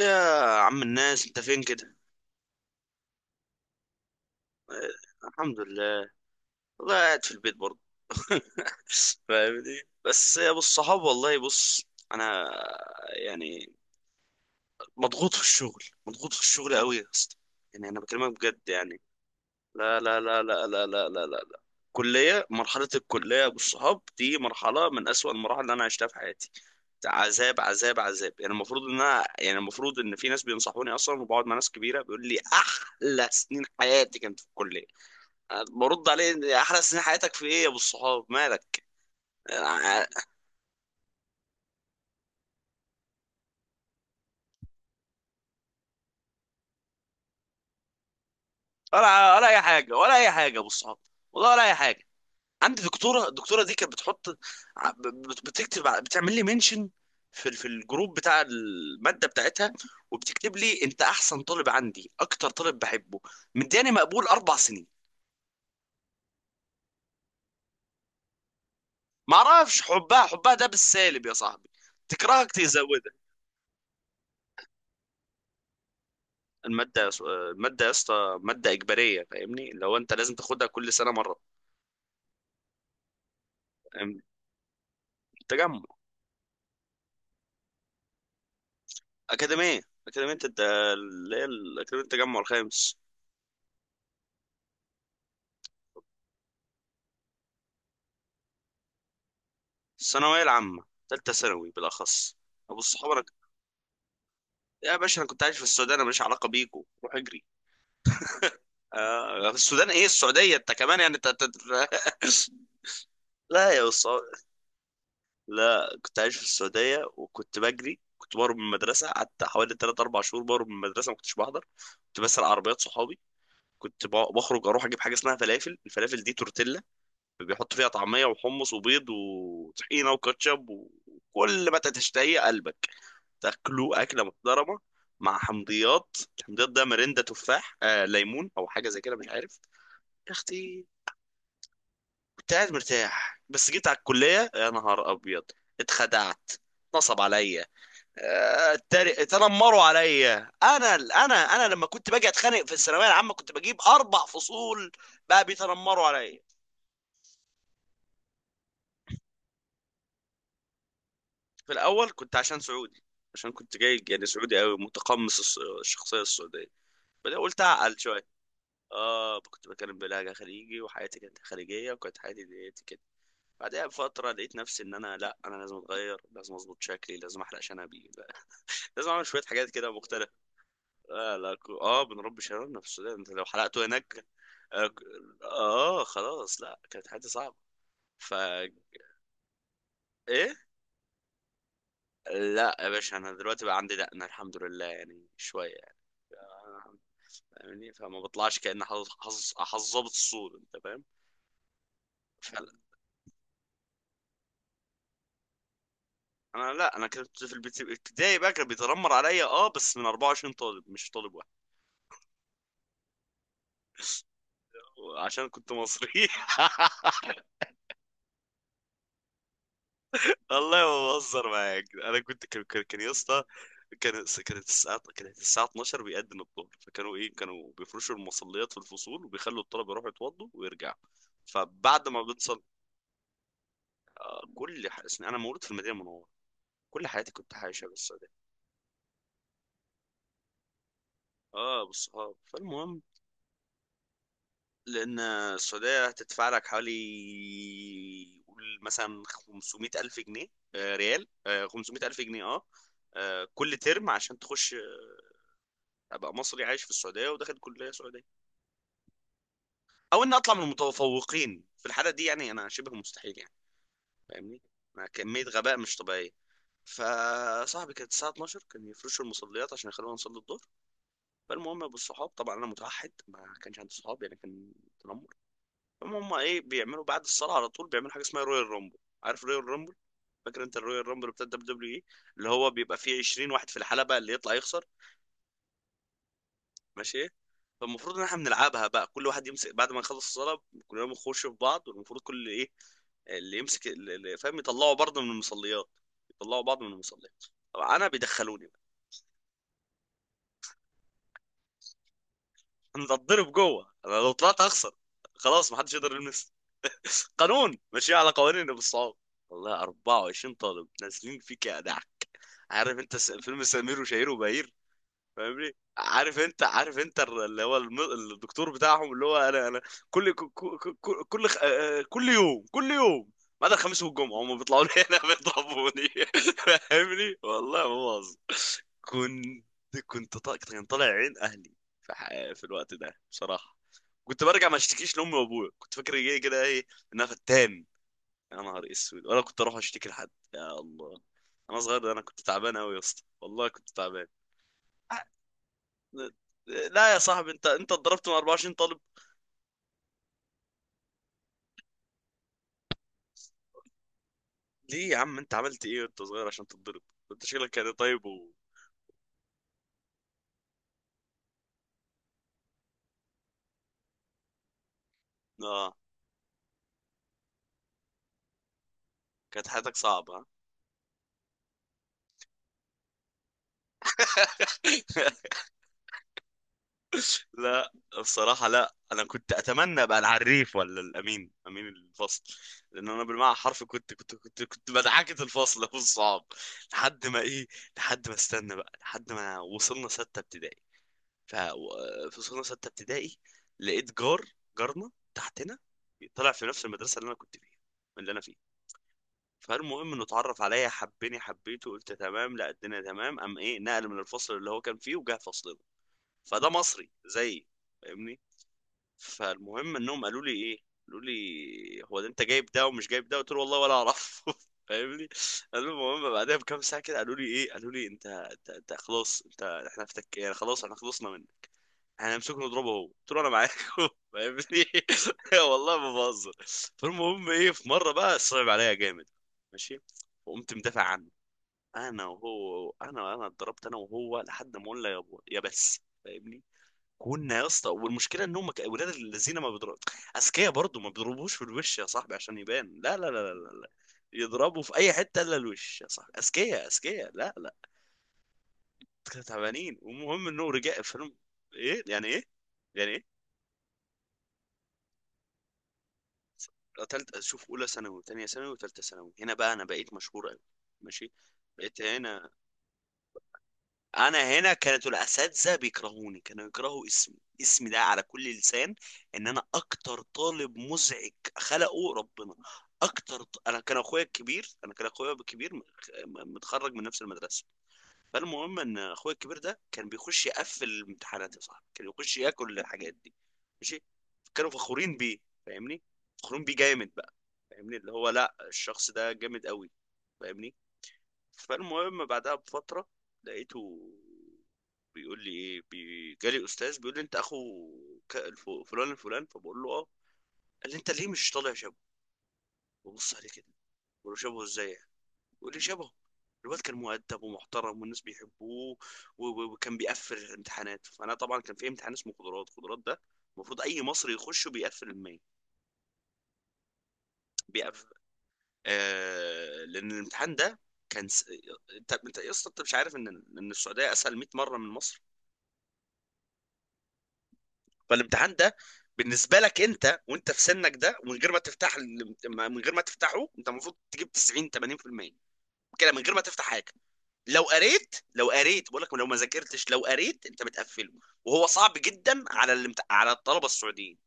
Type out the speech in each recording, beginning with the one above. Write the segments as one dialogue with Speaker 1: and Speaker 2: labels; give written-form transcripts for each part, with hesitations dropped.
Speaker 1: يا عم الناس، انت فين كده؟ الحمد لله. والله قاعد في البيت برضه. فاهمني بس يا ابو الصحاب، والله بص. انا يعني مضغوط في الشغل، مضغوط في الشغل قوي يا اسطى. يعني انا بكلمك بجد يعني. لا لا لا لا لا لا لا لا لا. مرحلة الكلية يا ابو الصحاب دي مرحلة من اسوأ المراحل اللي انا عشتها في حياتي. عذاب عذاب عذاب. المفروض ان في ناس بينصحوني اصلا، وبقعد مع ناس كبيره بيقول لي احلى سنين حياتي كانت في الكليه. برد عليه إن احلى سنين حياتك في ايه يا ابو الصحاب، مالك؟ ولا ولا اي حاجه، ولا اي حاجه يا ابو الصحاب. والله ولا اي حاجه. عندي دكتوره، الدكتوره دي كانت بتحط بتعمل لي منشن في الجروب بتاع الماده بتاعتها، وبتكتب لي انت احسن طالب عندي، اكتر طالب بحبه. مدياني مقبول 4 سنين. ما اعرفش، حبها، حبها ده بالسالب يا صاحبي. تكرهك تزودها. الماده يا اسطى ماده اجباريه، فاهمني لو انت لازم تاخدها كل سنه مره. تجمع. أكاديمية، أكاديمية التجمع الخامس. الثانوية العامة، تالتة ثانوي بالأخص، أبو صحابك. يا باشا، أنا كنت عايش في السودان، أنا ماليش علاقة بيكو، روح اجري. في السودان؟ إيه، السعودية. أنت كمان يعني، لا يا أستاذ. لا كنت عايش في السعودية، وكنت بجري، كنت بهرب من المدرسة، قعدت حوالي 3 4 شهور بهرب من المدرسة ما كنتش بحضر. كنت بسرق عربيات صحابي. كنت بخرج أروح أجيب حاجة اسمها فلافل. الفلافل دي تورتيلا، بيحط فيها طعمية وحمص وبيض وطحينة وكاتشب وكل ما تشتهي قلبك. تاكلوا أكلة محترمة مع حمضيات. الحمضيات ده مرندة تفاح، ليمون أو حاجة زي كده، مش عارف. يا أختي كنت قاعد مرتاح، بس جيت على الكلية يا نهار أبيض. اتخدعت، نصب عليا. اتنمروا عليا. انا لما كنت باجي اتخانق في الثانويه العامه كنت بجيب 4 فصول. بقى بيتنمروا عليا. في الاول كنت عشان سعودي. عشان كنت جاي يعني سعودي قوي، متقمص الشخصيه السعوديه. بعدين قلت اعقل شويه. اه كنت بتكلم بلهجه خليجي، وحياتي كانت خليجيه، وكانت حياتي ديت كده. بعدها بفتره لقيت نفسي ان انا، لا، انا لازم اتغير، لازم اظبط شكلي، لازم احلق شنبي، لا، لازم اعمل شويه حاجات كده مختلفه. اه لا، اه بنربي شنبنا في السودان، انت لو حلقته هناك. اه ك- خلاص لا، كانت حياتي صعبه، ف. ايه. لا يا باشا انا دلوقتي بقى عندي دقنه، الحمد لله يعني، شويه يعني. آه. فاهمني، فما بطلعش كأن حظ ظابط الصوت، انت فاهم. فلا. انا، لا انا كنت في الابتدائي بقى كان بيتنمر عليا، اه بس من 24 طالب، مش طالب واحد. عشان كنت مصري. والله ما بهزر معاك. انا كنت كان يا اسطى، كانت الساعة 12، بيأذن الظهر، فكانوا ايه، كانوا بيفرشوا المصليات في الفصول، وبيخلوا الطلبة يروحوا يتوضوا ويرجعوا. فبعد ما بتصل. انا مولود في المدينة المنورة، كل حياتي كنت عايشة بالسعودية. اه بالصحاب، فالمهم، لأن السعودية هتدفع لك حوالي قول مثلا 500 ألف جنيه، آه ريال، آه 500 ألف جنيه، اه، آه كل ترم عشان تخش، آه أبقى مصري عايش في السعودية وداخل كلية سعودية؟ أو إن أطلع من المتفوقين في الحالة دي، يعني أنا شبه مستحيل يعني، فاهمني. أنا كمية غباء مش طبيعية. فصاحبي كانت الساعة 12 كان يفرشوا المصليات عشان يخلونا نصلي الظهر. فالمهم بالصحاب، طبعا أنا متوحد، ما كانش عندي صحاب يعني، كان تنمر. هم ايه بيعملوا بعد الصلاه على طول، بيعملوا حاجه اسمها رويال رامبل. عارف رويال رامبل، فاكر انت الرويال رامبل بتاع الدبليو دبليو اي؟ اللي هو بيبقى فيه 20 واحد في الحلبه، اللي يطلع يخسر، ماشي. فالمفروض ان احنا بنلعبها بقى، كل واحد يمسك بعد ما يخلص الصلاه، كلنا بنخش في بعض، والمفروض كل ايه، اللي يمسك اللي فاهم يطلعوا برضه من المصليات، يطلعوا بعض من المصليات. طبعا انا بيدخلوني بقى. انا بتضرب جوه، انا لو طلعت اخسر، خلاص محدش يقدر يلمس. قانون ماشي على قوانين ابو الصعاب. والله 24 طالب نازلين فيك يا دع. عارف انت فيلم سمير وشهير وبهير؟ فاهمني. عارف انت، عارف انت الدكتور بتاعهم، اللي هو انا انا، كل ك- ك- ك- كل خ- آه، آه، كل يوم كل يوم ما عدا الخميس والجمعة، هم بيطلعوا لي هنا بيضربوني. فاهمني، والله ما بهزر. كنت كان طالع عين اهلي في في الوقت ده بصراحة. كنت برجع ما اشتكيش لامي وابويا، كنت فاكر ايه كده، ايه، ان انا فتان. يا نهار اسود. ولا كنت اروح اشتكي لحد، يا الله انا صغير ده، انا كنت تعبان قوي يا اسطى، والله كنت تعبان. أ- لا يا صاحبي، انت اتضربت من 24 طالب. ليه يا عم انت عملت ايه وانت صغير عشان تتضرب، انت شكلك كان طيب و... اه. كانت حياتك صعبة، ها؟ لا الصراحة، لا أنا كنت أتمنى أبقى العريف ولا الأمين، أمين الفصل. لأن أنا بالمعنى حرفي كنت كنت مدعكة الفصل. أبو الصعب. لحد ما إيه، لحد ما استنى بقى، لحد ما وصلنا ستة ابتدائي. ف. في سنة ستة ابتدائي لقيت جار، جارنا تحتنا، طلع في نفس المدرسة اللي أنا كنت فيها، اللي أنا فيه. فالمهم إنه اتعرف عليا، حبني حبيته، قلت تمام، لا الدنيا تمام. قام إيه، نقل من الفصل اللي هو كان فيه وجه فصلنا، فده مصري زيي فاهمني. فالمهم إنهم قالوا لي إيه، قالوا لي، هو ده أنت جايب ده ومش جايب ده، قلت له والله ولا أعرف. فاهمني. المهم بعدها بكام ساعة كده قالوا لي إيه، قالوا لي أنت، أنت, انت خلاص أنت إحنا فتك يعني، خلاص إحنا خلصنا منك، هنمسكه نضربه هو، قلت له انا معاكم. فاهمني. والله ما بهزر. فالمهم ايه، في مره بقى صعب عليا جامد، ماشي، وقمت مدافع عنه، انا وهو. انا اتضربت انا وهو لحد ما قلنا يا بو- يا بس. فاهمني. كنا يا اسطى، والمشكله ان هم ولاد الذين ما بيضربوا، اذكياء برضه، ما بيضربوش في الوش يا صاحبي عشان يبان، لا لا لا لا لا لا. يضربوا في اي حته الا الوش، يا صاحبي اذكياء اذكياء، لا لا. كانوا تعبانين. والمهم انه رجع فيلم. ايه يعني، ايه يعني، ايه. تالتة، شوف، أولى ثانوي وتانية ثانوي وتالتة ثانوي، هنا بقى أنا بقيت مشهور أوي، ماشي. بقيت هنا. أنا هنا كانت الأساتذة بيكرهوني، كانوا يكرهوا اسمي، اسمي ده على كل لسان، إن أنا أكتر طالب مزعج خلقه ربنا. أكتر ط... أنا كان أخويا الكبير، أنا كان أخويا الكبير متخرج من نفس المدرسة. فالمهم إن أخويا الكبير ده كان بيخش يقفل الامتحانات يا صاحبي، كان يخش ياكل الحاجات دي، ماشي. كانوا فخورين بيه، فاهمني، فخورين بيه جامد، فاهمني، اللي هو لا الشخص ده جامد قوي، فاهمني. فالمهم بعدها بفترة، لقيته بيقول لي ايه، جالي استاذ بيقول لي، انت اخو فلان الفلان؟ فبقول له اه. قال لي انت ليه مش طالع شبهه؟ ببص عليه كده بقول له، شبهه ازاي يعني؟ بيقول لي شبهه، الواد كان مؤدب ومحترم والناس بيحبوه، وكان بيقفل الامتحانات. فانا طبعا، كان في امتحان اسمه قدرات، قدرات ده المفروض اي مصري يخشه بيقفل المية. آه لان الامتحان ده كان انت يا اسطى انت مش عارف ان ان السعوديه اسهل 100 مره من مصر. فالامتحان ده بالنسبه لك انت وانت في سنك ده، ومن غير ما تفتح من غير ما تفتحه، انت المفروض تجيب 90 80% كده من غير ما تفتح حاجه. لو قريت، لو قريت بقول لك، لو ما ذاكرتش لو قريت انت بتقفله. وهو صعب جدا على على الطلبه السعوديين.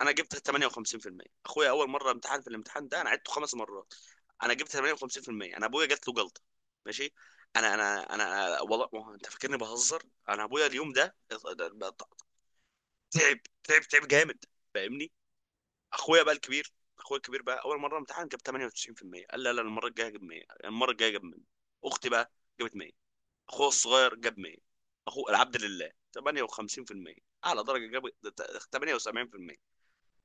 Speaker 1: انا جبت 58%، اخويا اول مره امتحن في الامتحان ده، انا عدته 5 مرات. انا جبت 58%، انا ابويا جات له جلطه ماشي. انا والله، ما هو انت فاكرني بهزر. انا ابويا اليوم ده تعب تعب تعب جامد، فاهمني. اخويا بقى الكبير، اخويا الكبير بقى اول مره امتحن جاب 98%. قال لا لا، المره الجايه جاب 100، المره الجايه جاب 100. اختي بقى جابت 100، اخويا الصغير جاب 100، اخو العبد لله 58%، اعلى درجه جاب 78%.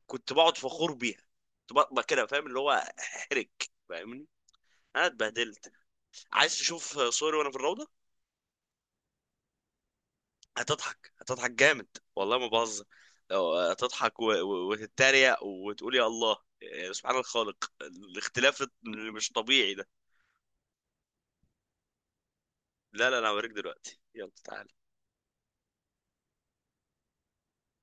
Speaker 1: كنت بقعد فخور بيها، كنت بطلع كده فاهم اللي هو، احرج، فاهمني، انا اتبهدلت. عايز تشوف صوري وانا في الروضه؟ هتضحك، هتضحك جامد والله ما بهزر. لو هتضحك، وتتريق وتقول يا الله، سبحان الخالق الاختلاف اللي مش طبيعي ده. لا لا، انا هوريك دلوقتي، يلا تعالى.